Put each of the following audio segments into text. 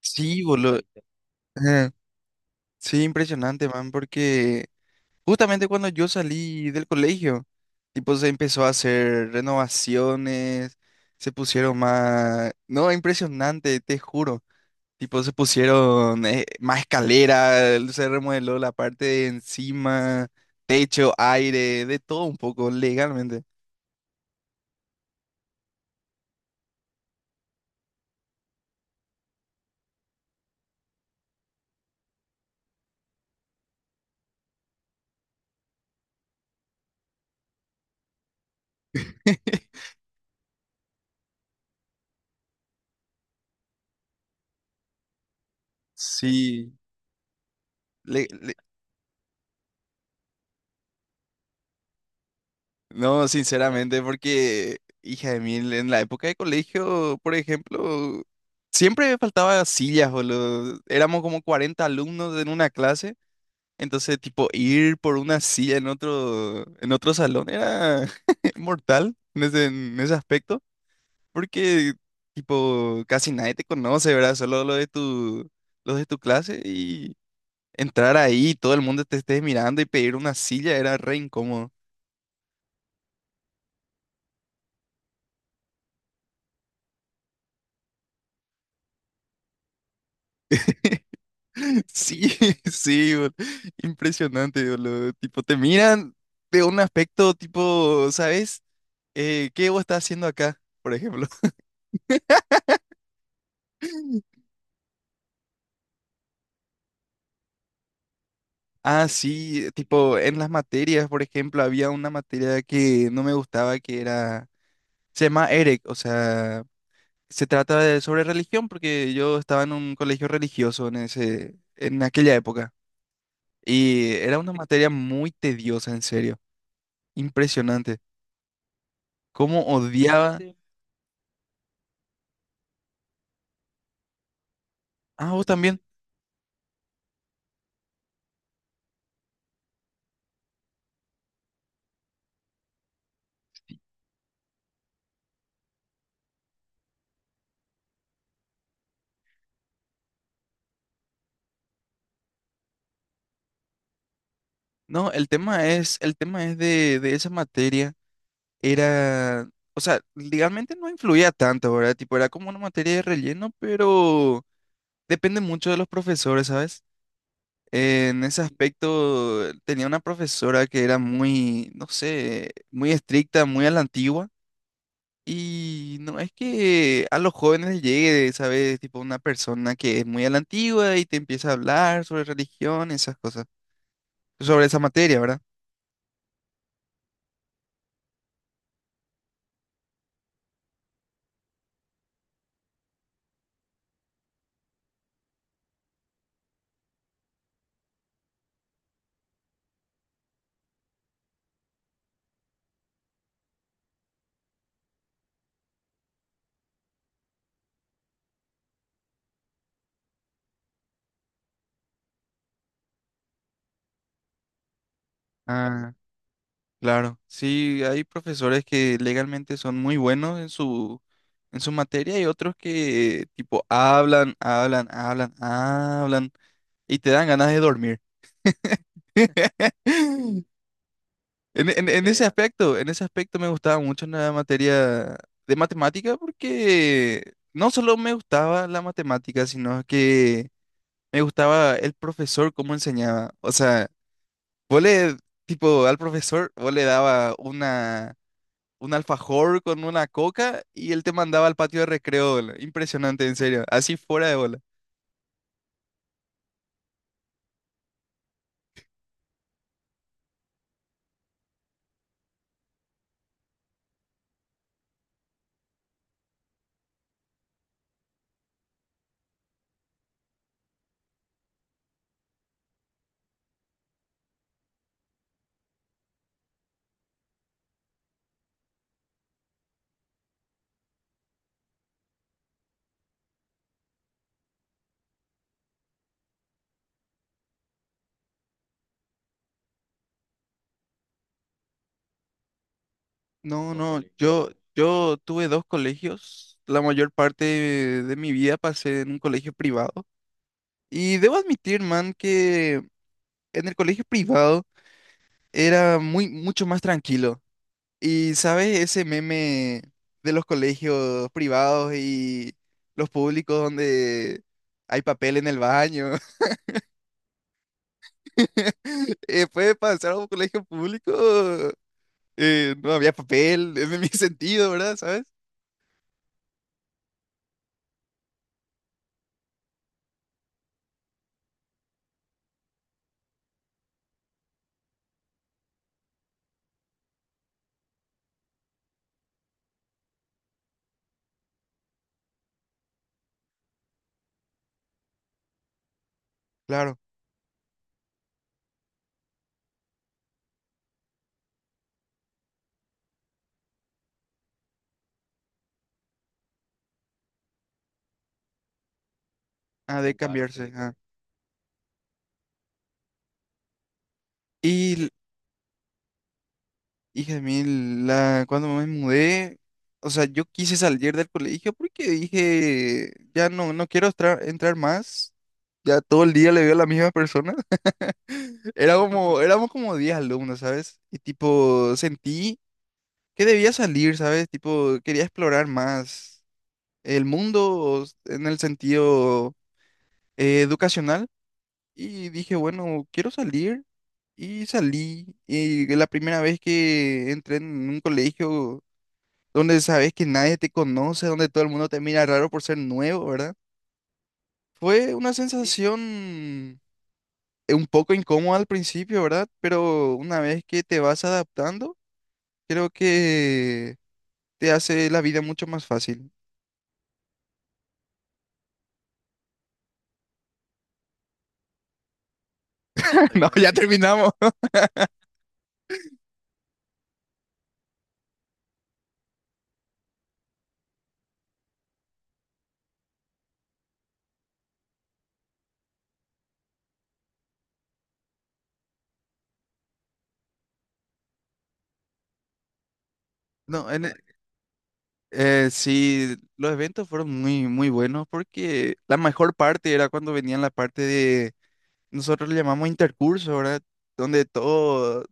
Sí, boludo. Ajá. Sí, impresionante, man, porque justamente cuando yo salí del colegio, tipo, se empezó a hacer renovaciones, se pusieron más. No, impresionante, te juro. Tipo, se pusieron más escaleras, se remodeló la parte de encima, techo, aire, de todo un poco, legalmente. Sí, no, sinceramente, porque, hija de mil, en la época de colegio, por ejemplo, siempre faltaba sillas, boludo. Éramos como 40 alumnos en una clase, entonces, tipo, ir por una silla en otro salón era mortal en ese aspecto, porque, tipo, casi nadie te conoce, ¿verdad? Solo los de tu clase y entrar ahí, todo el mundo te esté mirando y pedir una silla era re incómodo. Sí, sí, impresionante, boludo. Tipo, te miran de un aspecto tipo, ¿sabes? ¿Qué vos estás haciendo acá, por ejemplo? Ah, sí, tipo, en las materias, por ejemplo, había una materia que no me gustaba, que era, se llama EREC, o sea, se trata de, sobre religión, porque yo estaba en un colegio religioso en ese, en aquella época, y era una materia muy tediosa, en serio, impresionante. ¿Cómo sí, odiaba? Sí. Ah, vos también. No, el tema es de esa materia, era, o sea, legalmente no influía tanto, ¿verdad? Tipo, era como una materia de relleno, pero depende mucho de los profesores, ¿sabes? En ese aspecto tenía una profesora que era muy, no sé, muy estricta, muy a la antigua, y no es que a los jóvenes les llegue, ¿sabes? Tipo, una persona que es muy a la antigua y te empieza a hablar sobre religión, esas cosas, sobre esa materia, ¿verdad? Ah. Claro, sí, hay profesores que legalmente son muy buenos en su materia y otros que tipo hablan, hablan, hablan, hablan y te dan ganas de dormir. En ese aspecto me gustaba mucho la materia de matemática porque no solo me gustaba la matemática, sino que me gustaba el profesor cómo enseñaba. O sea, vos le, tipo, al profesor, vos le daba una, un alfajor con una coca y él te mandaba al patio de recreo, boludo. Impresionante, en serio. Así fuera de bola. No, no, órale. Yo tuve dos colegios. La mayor parte de mi vida pasé en un colegio privado. Y debo admitir, man, que en el colegio privado era muy, mucho más tranquilo. Y, ¿sabes? Ese meme de los colegios privados y los públicos donde hay papel en el baño. Pues para entrar a un colegio público no había papel, en mi sentido, ¿verdad? ¿Sabes? Claro, ha de cambiarse. Totalmente. Ah. Y, l- Hija de mil, la, cuando me mudé, o sea, yo quise salir del colegio porque dije, ya no, no quiero entrar más. Ya todo el día le veo a la misma persona. Era como, éramos como 10 alumnos, ¿sabes? Y tipo, sentí que debía salir, ¿sabes? Tipo, quería explorar más el mundo en el sentido educacional y dije, bueno, quiero salir y salí. Y la primera vez que entré en un colegio donde sabes que nadie te conoce, donde todo el mundo te mira raro por ser nuevo, ¿verdad? Fue una sí. Sensación un poco incómoda al principio, ¿verdad? Pero una vez que te vas adaptando, creo que te hace la vida mucho más fácil. No, ya terminamos. No, en Sí, los eventos fueron muy, muy buenos porque la mejor parte era cuando venían la parte de, nosotros le llamamos intercurso, ¿verdad? Donde todo,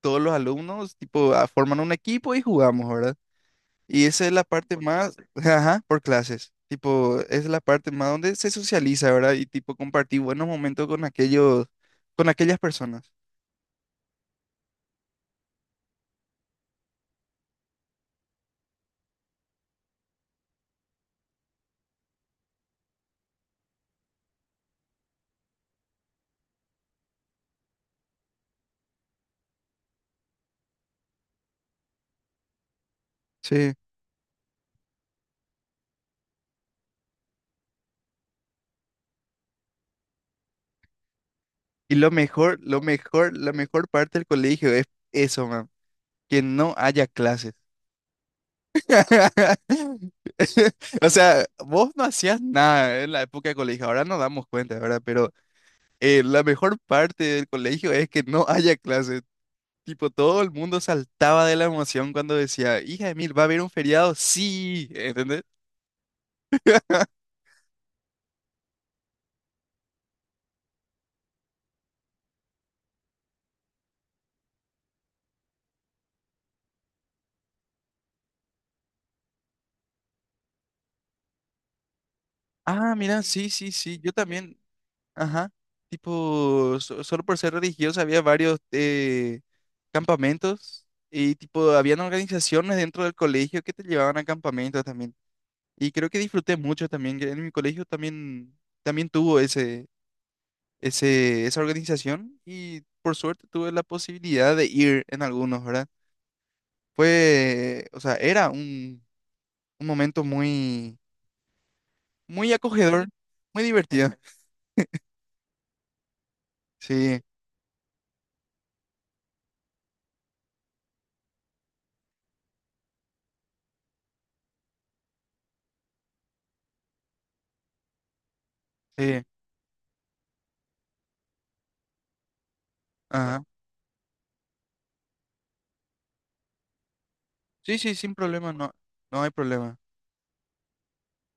todos los alumnos tipo ah, forman un equipo y jugamos, ¿verdad? Y esa es la parte por más, clase. Ajá, por clases, tipo, esa es la parte más donde se socializa, ¿verdad? Y tipo compartir buenos momentos con aquellos, con aquellas personas. Sí. Lo mejor, la mejor parte del colegio es eso, man, que no haya clases. O sea, vos no hacías nada en la época de colegio, ahora nos damos cuenta, ¿verdad? Pero la mejor parte del colegio es que no haya clases. Tipo, todo el mundo saltaba de la emoción cuando decía, hija de mil, ¿va a haber un feriado? Sí, ¿entendés? Ah, mira, sí, sí, sí, yo también, ajá. Tipo, solo por ser religioso había varios campamentos y tipo, habían organizaciones dentro del colegio que te llevaban a campamentos también. Y creo que disfruté mucho también, que en mi colegio también, también tuvo ese, ese, esa organización y por suerte tuve la posibilidad de ir en algunos, ¿verdad? Fue, o sea, era un momento muy, muy acogedor, muy divertido. Sí, sí, ajá. Sí, sí, sin problema, no, no hay problema.